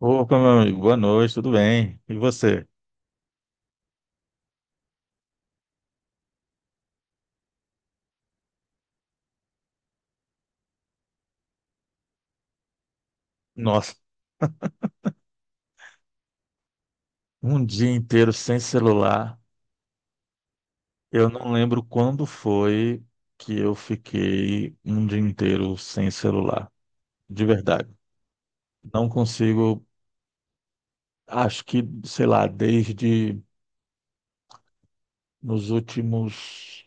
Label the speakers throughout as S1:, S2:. S1: Opa, meu amigo, boa noite, tudo bem? E você? Nossa, um dia inteiro sem celular. Eu não lembro quando foi que eu fiquei um dia inteiro sem celular, de verdade. Não consigo, acho que, sei lá, desde nos últimos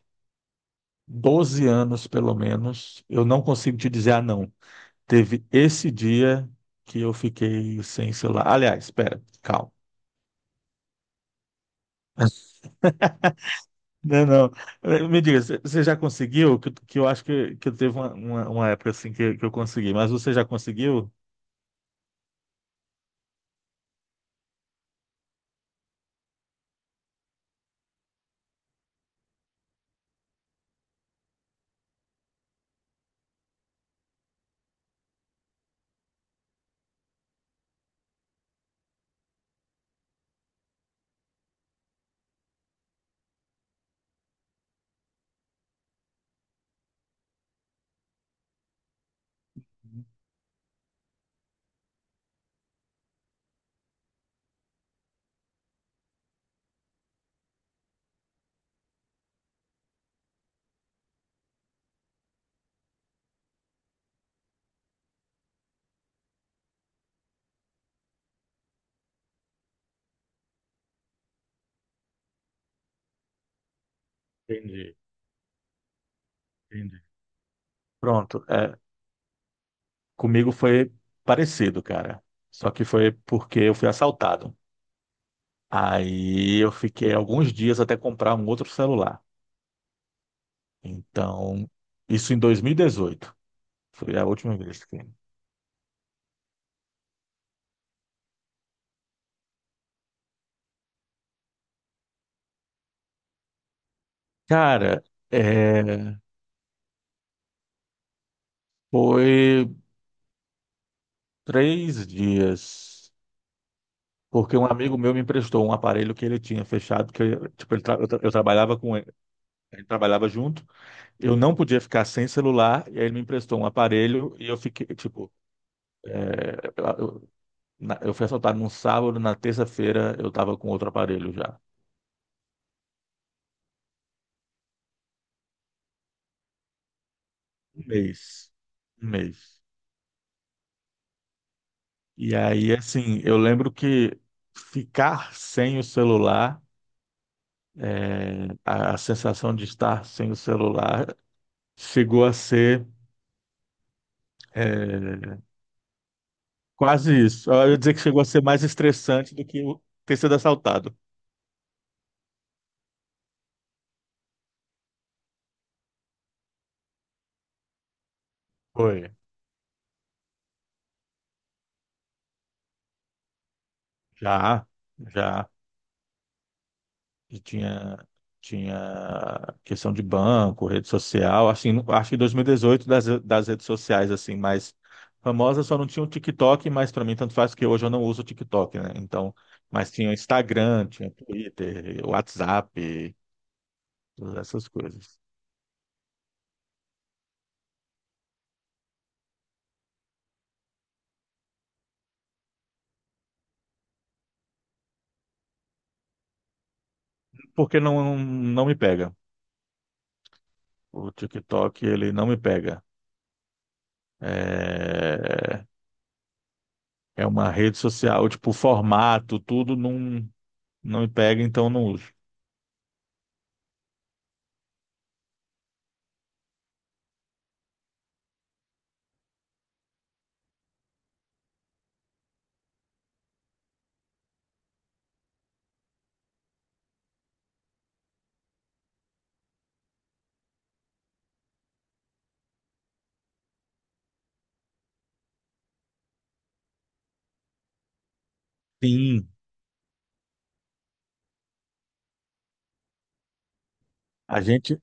S1: 12 anos, pelo menos, eu não consigo te dizer, ah, não, teve esse dia que eu fiquei sem celular. Aliás, espera, calma. Não, não. Me diga, você já conseguiu? Que eu acho que teve uma época assim que eu consegui, mas você já conseguiu? Entendi, entendi. Pronto. Comigo foi parecido, cara. Só que foi porque eu fui assaltado. Aí eu fiquei alguns dias até comprar um outro celular. Então, isso em 2018. Foi a última vez que. Cara, é, foi 3 dias. Porque um amigo meu me emprestou um aparelho que ele tinha fechado, que eu, tipo, ele tra- eu trabalhava com ele, ele trabalhava junto, eu não podia ficar sem celular, e aí ele me emprestou um aparelho e eu fiquei, tipo, é, eu, eu- eu fui assaltado num sábado, na terça-feira eu tava com outro aparelho já. Um mês. Um mês. E aí, assim, eu lembro que ficar sem o celular, a sensação de estar sem o celular chegou a ser. é, Quase isso. Eu ia dizer que chegou a ser mais estressante do que ter sido assaltado. Foi. Já, já. E tinha, tinha questão de banco, rede social. Assim, acho que em 2018 das, das redes sociais, assim, mais famosas, só não tinha o TikTok, mas para mim tanto faz que hoje eu não uso o TikTok, né? Então, mas tinha Instagram, tinha Twitter, WhatsApp, todas essas coisas. Porque não, não me pega. O TikTok, ele não me pega. É... É uma rede social, tipo, o formato, tudo não, não me pega, então não uso. Sim, a gente,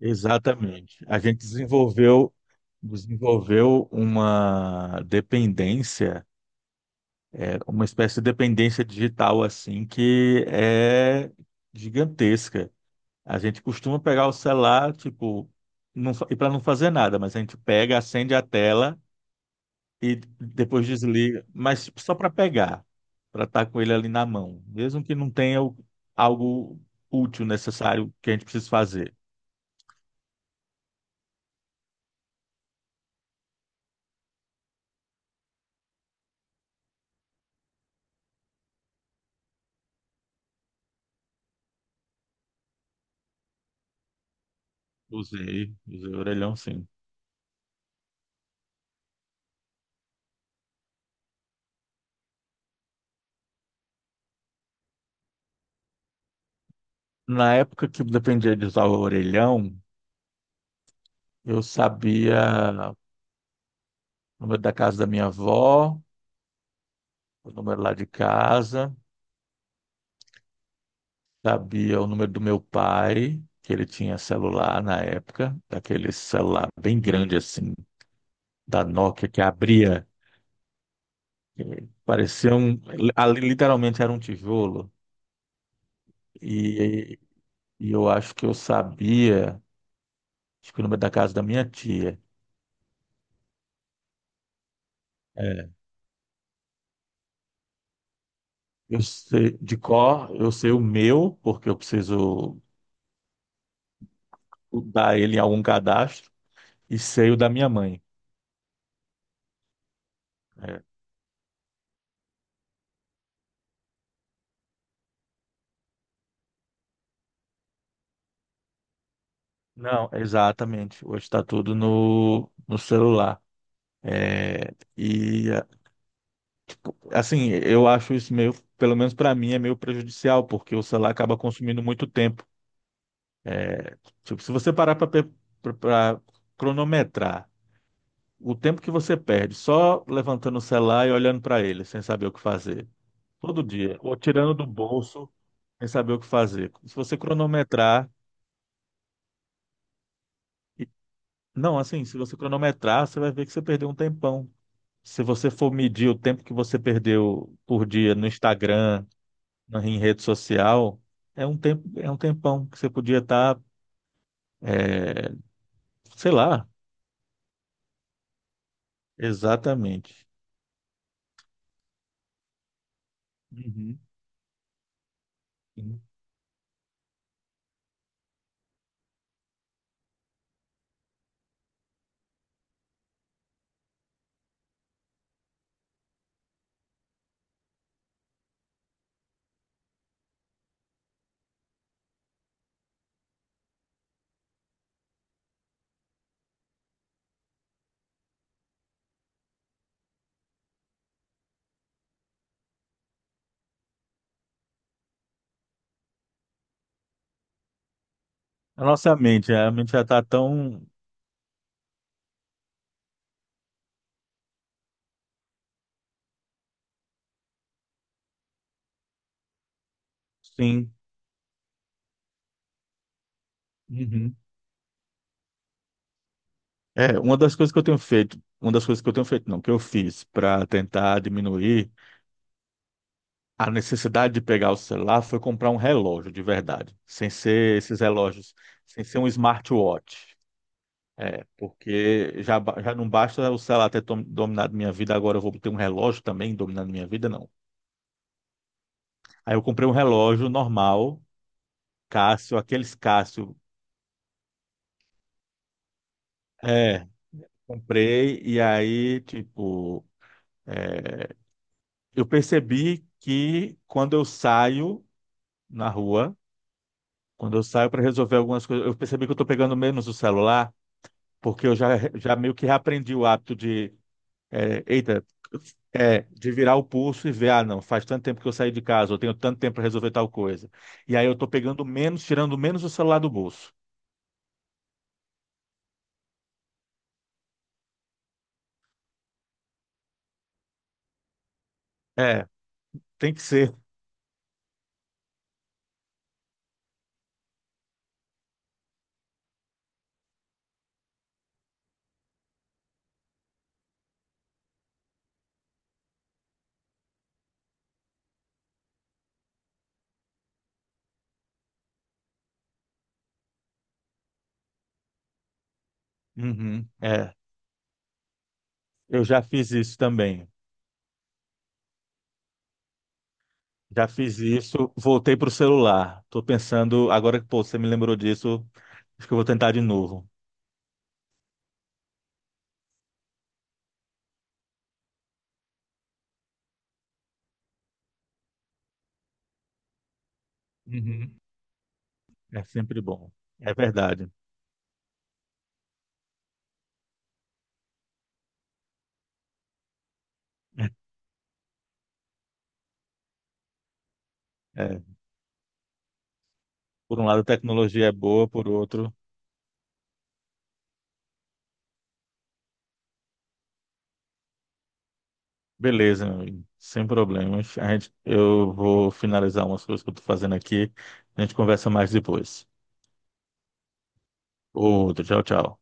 S1: exatamente. A gente desenvolveu uma dependência, é, uma espécie de dependência digital, assim, que é gigantesca. A gente costuma pegar o celular, tipo, não, e para não fazer nada, mas a gente pega, acende a tela, e depois desliga, mas só para pegar, para estar com ele ali na mão, mesmo que não tenha algo útil, necessário que a gente precise fazer. Usei, usei o orelhão sim. Na época que dependia de usar o orelhão, eu sabia o número da casa da minha avó, o número lá de casa, sabia o número do meu pai, que ele tinha celular na época, daquele celular bem grande assim, da Nokia que abria. É, Parecia um. Ali literalmente era um tijolo. E, e eu acho que eu sabia, acho que o número da casa da minha tia. É. Eu sei, de cor, eu sei o meu, porque eu preciso dar ele em algum cadastro, e sei o da minha mãe. É. Não, exatamente. Hoje está tudo no, no celular. E, tipo, assim, eu acho isso meio, pelo menos para mim, é meio prejudicial, porque o celular acaba consumindo muito tempo. Tipo, se você parar para cronometrar o tempo que você perde só levantando o celular e olhando para ele, sem saber o que fazer, todo dia, ou tirando do bolso, sem saber o que fazer. Se você cronometrar, e- não, assim, se você cronometrar, você vai ver que você perdeu um tempão. Se você for medir o tempo que você perdeu por dia no Instagram, em rede social, é um tempo, é um tempão que você podia estar, sei lá, exatamente. Uhum. A nossa mente, a mente já tá tão. Sim. Uhum. É, uma das coisas que eu tenho feito, uma das coisas que eu tenho feito, não, que eu fiz para tentar diminuir a necessidade de pegar o celular foi comprar um relógio de verdade, sem ser esses relógios, sem ser um smartwatch. É, porque já, já não basta o celular ter dominado minha vida, agora eu vou ter um relógio também dominando minha vida, não. Aí eu comprei um relógio normal, Casio, aqueles Casio. É, comprei e aí, tipo, eu percebi que quando eu saio na rua, quando eu saio para resolver algumas coisas, eu percebi que eu estou pegando menos o celular, porque eu já, já meio que reaprendi o hábito de, é, eita, é, de virar o pulso e ver, ah, não, faz tanto tempo que eu saí de casa, eu tenho tanto tempo para resolver tal coisa. E aí eu estou pegando menos, tirando menos o celular do bolso. É, tem que ser. Uhum, eu já fiz isso também. Já fiz isso, voltei pro celular. Tô pensando, agora que pô, você me lembrou disso, acho que eu vou tentar de novo. Uhum. É sempre bom. É verdade. É. Por um lado, a tecnologia é boa, por outro, beleza, meu amigo. Sem problemas. Eu vou finalizar umas coisas que eu tô fazendo aqui. A gente conversa mais depois. Outro, tchau, tchau.